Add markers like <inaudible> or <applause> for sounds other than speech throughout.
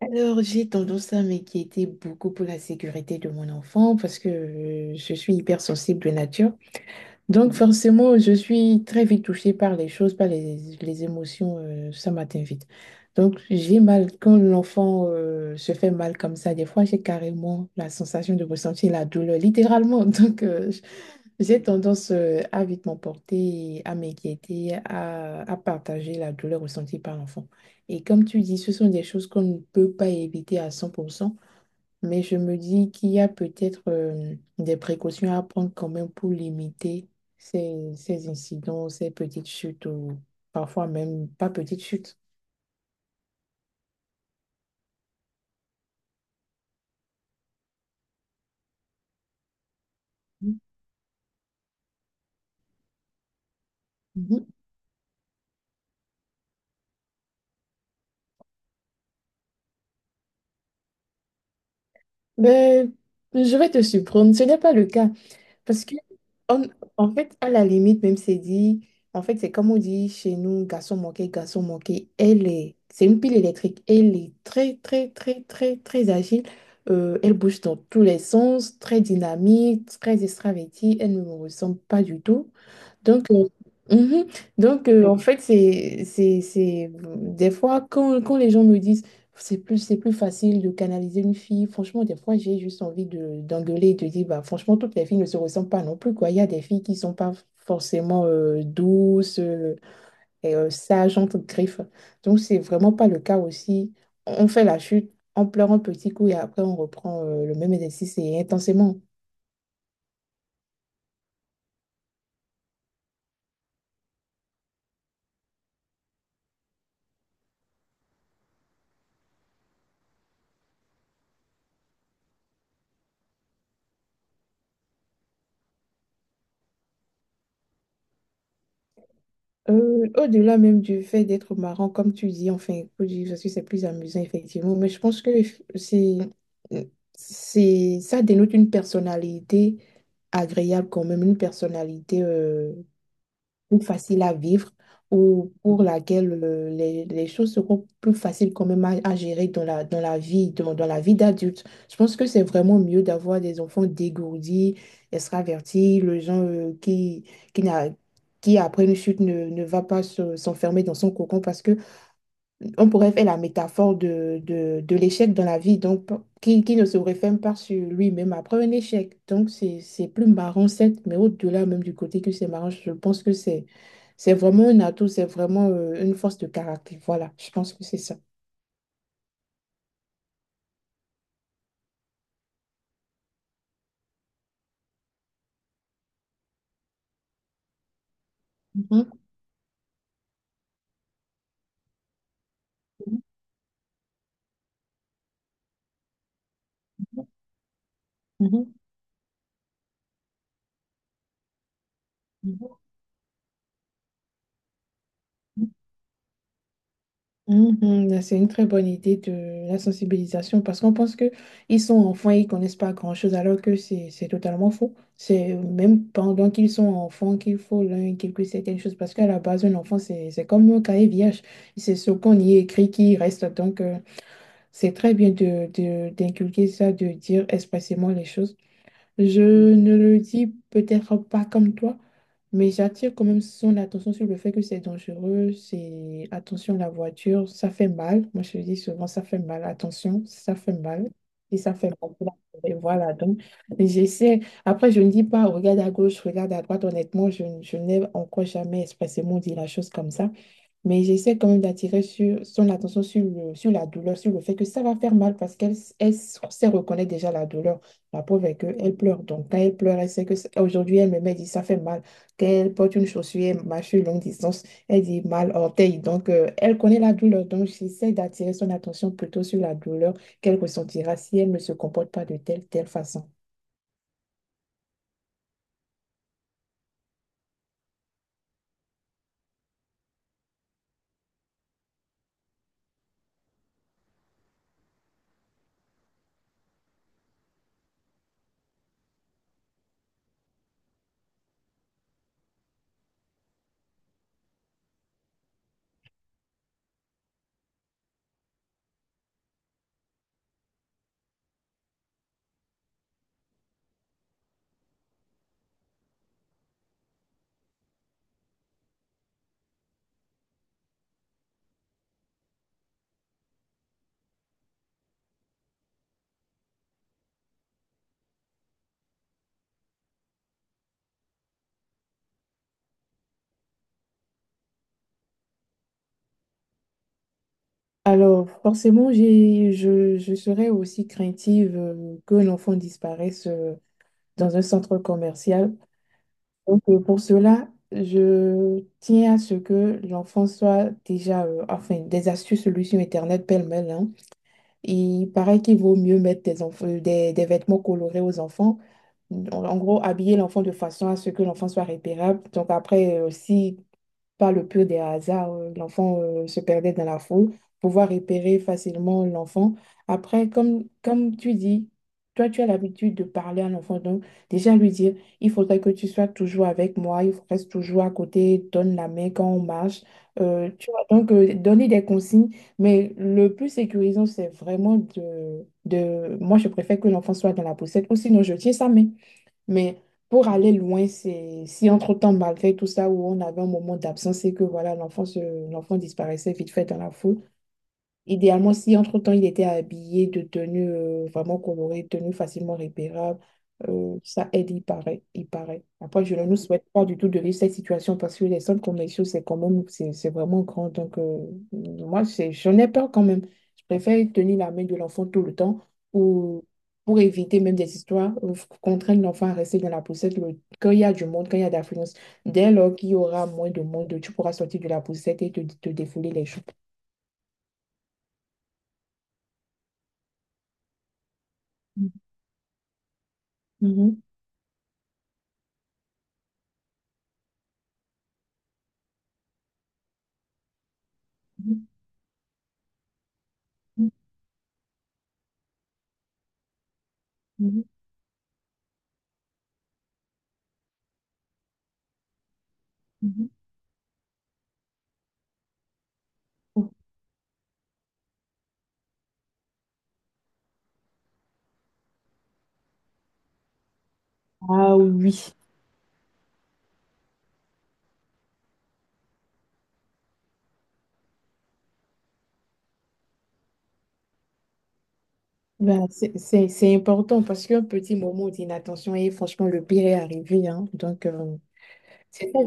Alors, j'ai tendance à m'inquiéter beaucoup pour la sécurité de mon enfant parce que je suis hyper sensible de nature. Donc, mhm, forcément, je suis très vite touchée par les choses, par les émotions. Ça m'atteint vite. Donc, j'ai mal quand l'enfant se fait mal comme ça. Des fois, j'ai carrément la sensation de ressentir la douleur, littéralement. <laughs> Donc, j'ai tendance à vite m'emporter, à m'inquiéter, à partager la douleur ressentie par l'enfant. Et comme tu dis, ce sont des choses qu'on ne peut pas éviter à 100%. Mais je me dis qu'il y a peut-être des précautions à prendre quand même pour limiter ces incidents, ces petites chutes ou parfois même pas petites chutes. Mhm. Mais je vais te surprendre, ce n'est pas le cas. Parce que, on- en fait, à la limite, même c'est dit, en fait, c'est comme on dit chez nous, garçon manqué, elle est, c'est une pile électrique, elle est très, très, très, très, très agile. Elle bouge dans tous les sens, très dynamique, très extravertie, elle ne me ressemble pas du tout. Donc, mhm. Donc en fait, Des fois, quand les gens me disent c'est plus facile de canaliser une fille, franchement, des fois, j'ai juste envie d'engueuler et de dire, bah, franchement, toutes les filles ne se ressemblent pas non plus, quoi. Il y a des filles qui sont pas forcément douces et sages, entre griffes. Donc, c'est vraiment pas le cas aussi. On fait la chute, on pleure un petit coup et après, on reprend le même exercice et intensément. Au-delà même du fait d'être marrant, comme tu dis, enfin, faut dire parce que c'est plus amusant, effectivement, mais je pense que c'est, ça dénote une personnalité agréable quand même, une personnalité plus facile à vivre ou pour laquelle les choses seront plus faciles quand même à gérer dans la vie, dans la vie d'adulte. Je pense que c'est vraiment mieux d'avoir des enfants dégourdis, extravertis, les gens qui, n'a- qui après une chute ne va pas s'enfermer dans son cocon parce que on pourrait faire la métaphore de l'échec dans la vie, donc qui ne se referme pas sur lui-même après un échec. Donc c'est plus marrant, certes, mais au-delà même du côté que c'est marrant, je pense que c'est vraiment un atout, c'est vraiment une force de caractère. Voilà, je pense que c'est ça. Mhm. Mhm. Mhm. Mhm. Mhm, là, c'est une très bonne idée de la sensibilisation parce qu'on pense que ils sont enfants et ils connaissent pas grand-chose alors que c'est totalement faux. C'est même pendant qu'ils sont enfants qu'il faut leur inculquer certaines choses parce qu'à la base, un enfant, c'est comme un cahier vierge. C'est ce qu'on y écrit qui reste. Donc, c'est très bien d'inculquer ça, de dire expressément les choses. Je ne le dis peut-être pas comme toi, mais j'attire quand même son attention sur le fait que c'est dangereux, c'est attention la voiture, ça fait mal. Moi, je dis souvent, ça fait mal, attention, ça fait mal. Et ça fait mal. Et voilà, donc j'essaie. Après, je ne dis pas, regarde à gauche, regarde à droite. Honnêtement, je n'ai encore jamais expressément dit la chose comme ça. Mais j'essaie quand même d'attirer sur, son attention sur, le, sur la douleur, sur le fait que ça va faire mal parce qu'elle sait reconnaître déjà la douleur. La preuve est qu'elle pleure. Donc, quand elle pleure, elle sait que aujourd'hui, elle me met, elle dit ça fait mal. Quand elle porte une chaussure, elle marche sur longue distance, elle dit mal orteil. Donc, elle connaît la douleur. Donc, j'essaie d'attirer son attention plutôt sur la douleur qu'elle ressentira si elle ne se comporte pas de telle, telle façon. Alors, forcément, je serais aussi craintive que l'enfant disparaisse dans un centre commercial. Donc, pour cela, je tiens à ce que l'enfant soit déjà, enfin, des astuces, solutions Internet pêle-mêle, hein. Il paraît qu'il vaut mieux mettre des vêtements colorés aux enfants. En gros, habiller l'enfant de façon à ce que l'enfant soit repérable. Donc, après, aussi par le pur des hasards, l'enfant se perdait dans la foule, pouvoir repérer facilement l'enfant. Après, comme tu dis, toi, tu as l'habitude de parler à l'enfant, donc déjà lui dire, il faudrait que tu sois toujours avec moi, reste toujours à côté, donne la main quand on marche. Tu vois, donc, donner des consignes, mais le plus sécurisant, c'est vraiment Moi, je préfère que l'enfant soit dans la poussette, ou sinon je tiens sa main. Mais pour aller loin, c'est si entre-temps, malgré tout ça, où on avait un moment d'absence et que voilà, l'enfant disparaissait vite fait dans la foule. Idéalement, si entre-temps il était habillé de tenue vraiment colorée, tenue facilement repérable, ça aide, il paraît, il paraît. Après, je ne nous souhaite pas du tout de vivre cette situation parce que les centres commerciaux, c'est quand même, c'est vraiment grand. Donc, moi, j'en ai peur quand même. Je préfère tenir la main de l'enfant tout le temps ou pour éviter même des histoires, contraindre l'enfant à rester dans la poussette quand il y a du monde, quand il y a d'affluence. Dès lors qu'il y aura moins de monde, tu pourras sortir de la poussette et te défouler les choses. Mhm. Mhm, mhm. Ah oui, bah, c'est important parce qu'un petit moment d'inattention et franchement, le pire est arrivé, hein. Donc, c'est ça.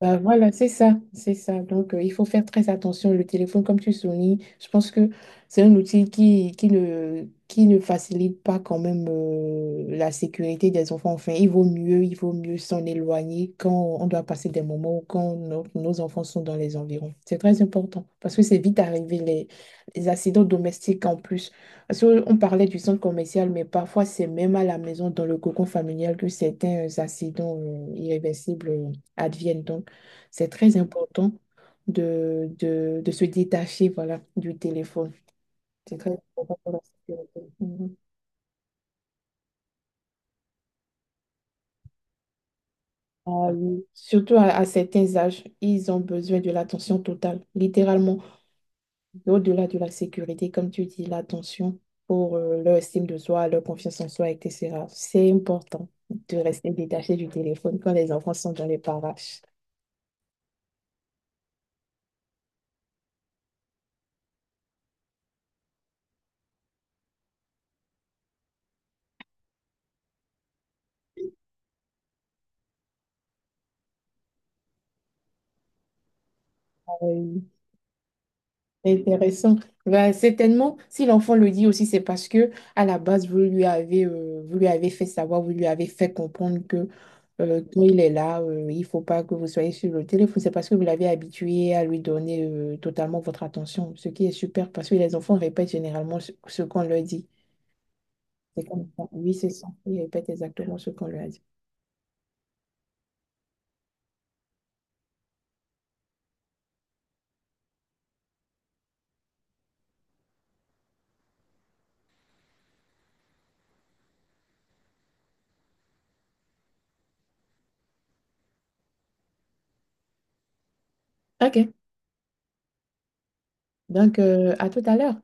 Bah voilà, c'est ça, c'est ça. Donc, il faut faire très attention. Le téléphone, comme tu soulignes, je pense que c'est un outil qui ne facilite pas quand même la sécurité des enfants. Enfin, il vaut mieux s'en éloigner quand on doit passer des moments ou quand nos enfants sont dans les environs. C'est très important parce que c'est vite arrivé les accidents domestiques en plus. Parce que on parlait du centre commercial, mais parfois c'est même à la maison, dans le cocon familial, que certains accidents irréversibles advienne. Donc, c'est très important de se détacher, voilà, du téléphone. C'est très important pour la sécurité. Mhm. Ah oui. Surtout à certains âges, ils ont besoin de l'attention totale, littéralement, au-delà de la sécurité, comme tu dis, l'attention pour leur estime de soi, leur confiance en soi, etc. C'est important de rester détaché du téléphone quand les enfants sont dans les parages. Intéressant. Ben, certainement, si l'enfant le dit aussi, c'est parce que à la base, vous lui avez fait savoir, vous lui avez fait comprendre que quand il est là, il faut pas que vous soyez sur le téléphone. C'est parce que vous l'avez habitué à lui donner totalement votre attention, ce qui est super parce que les enfants répètent généralement ce qu'on leur dit. C'est comme ça. Oui, c'est ça. Ils répètent exactement ce qu'on leur a dit. OK. Donc, à tout à l'heure.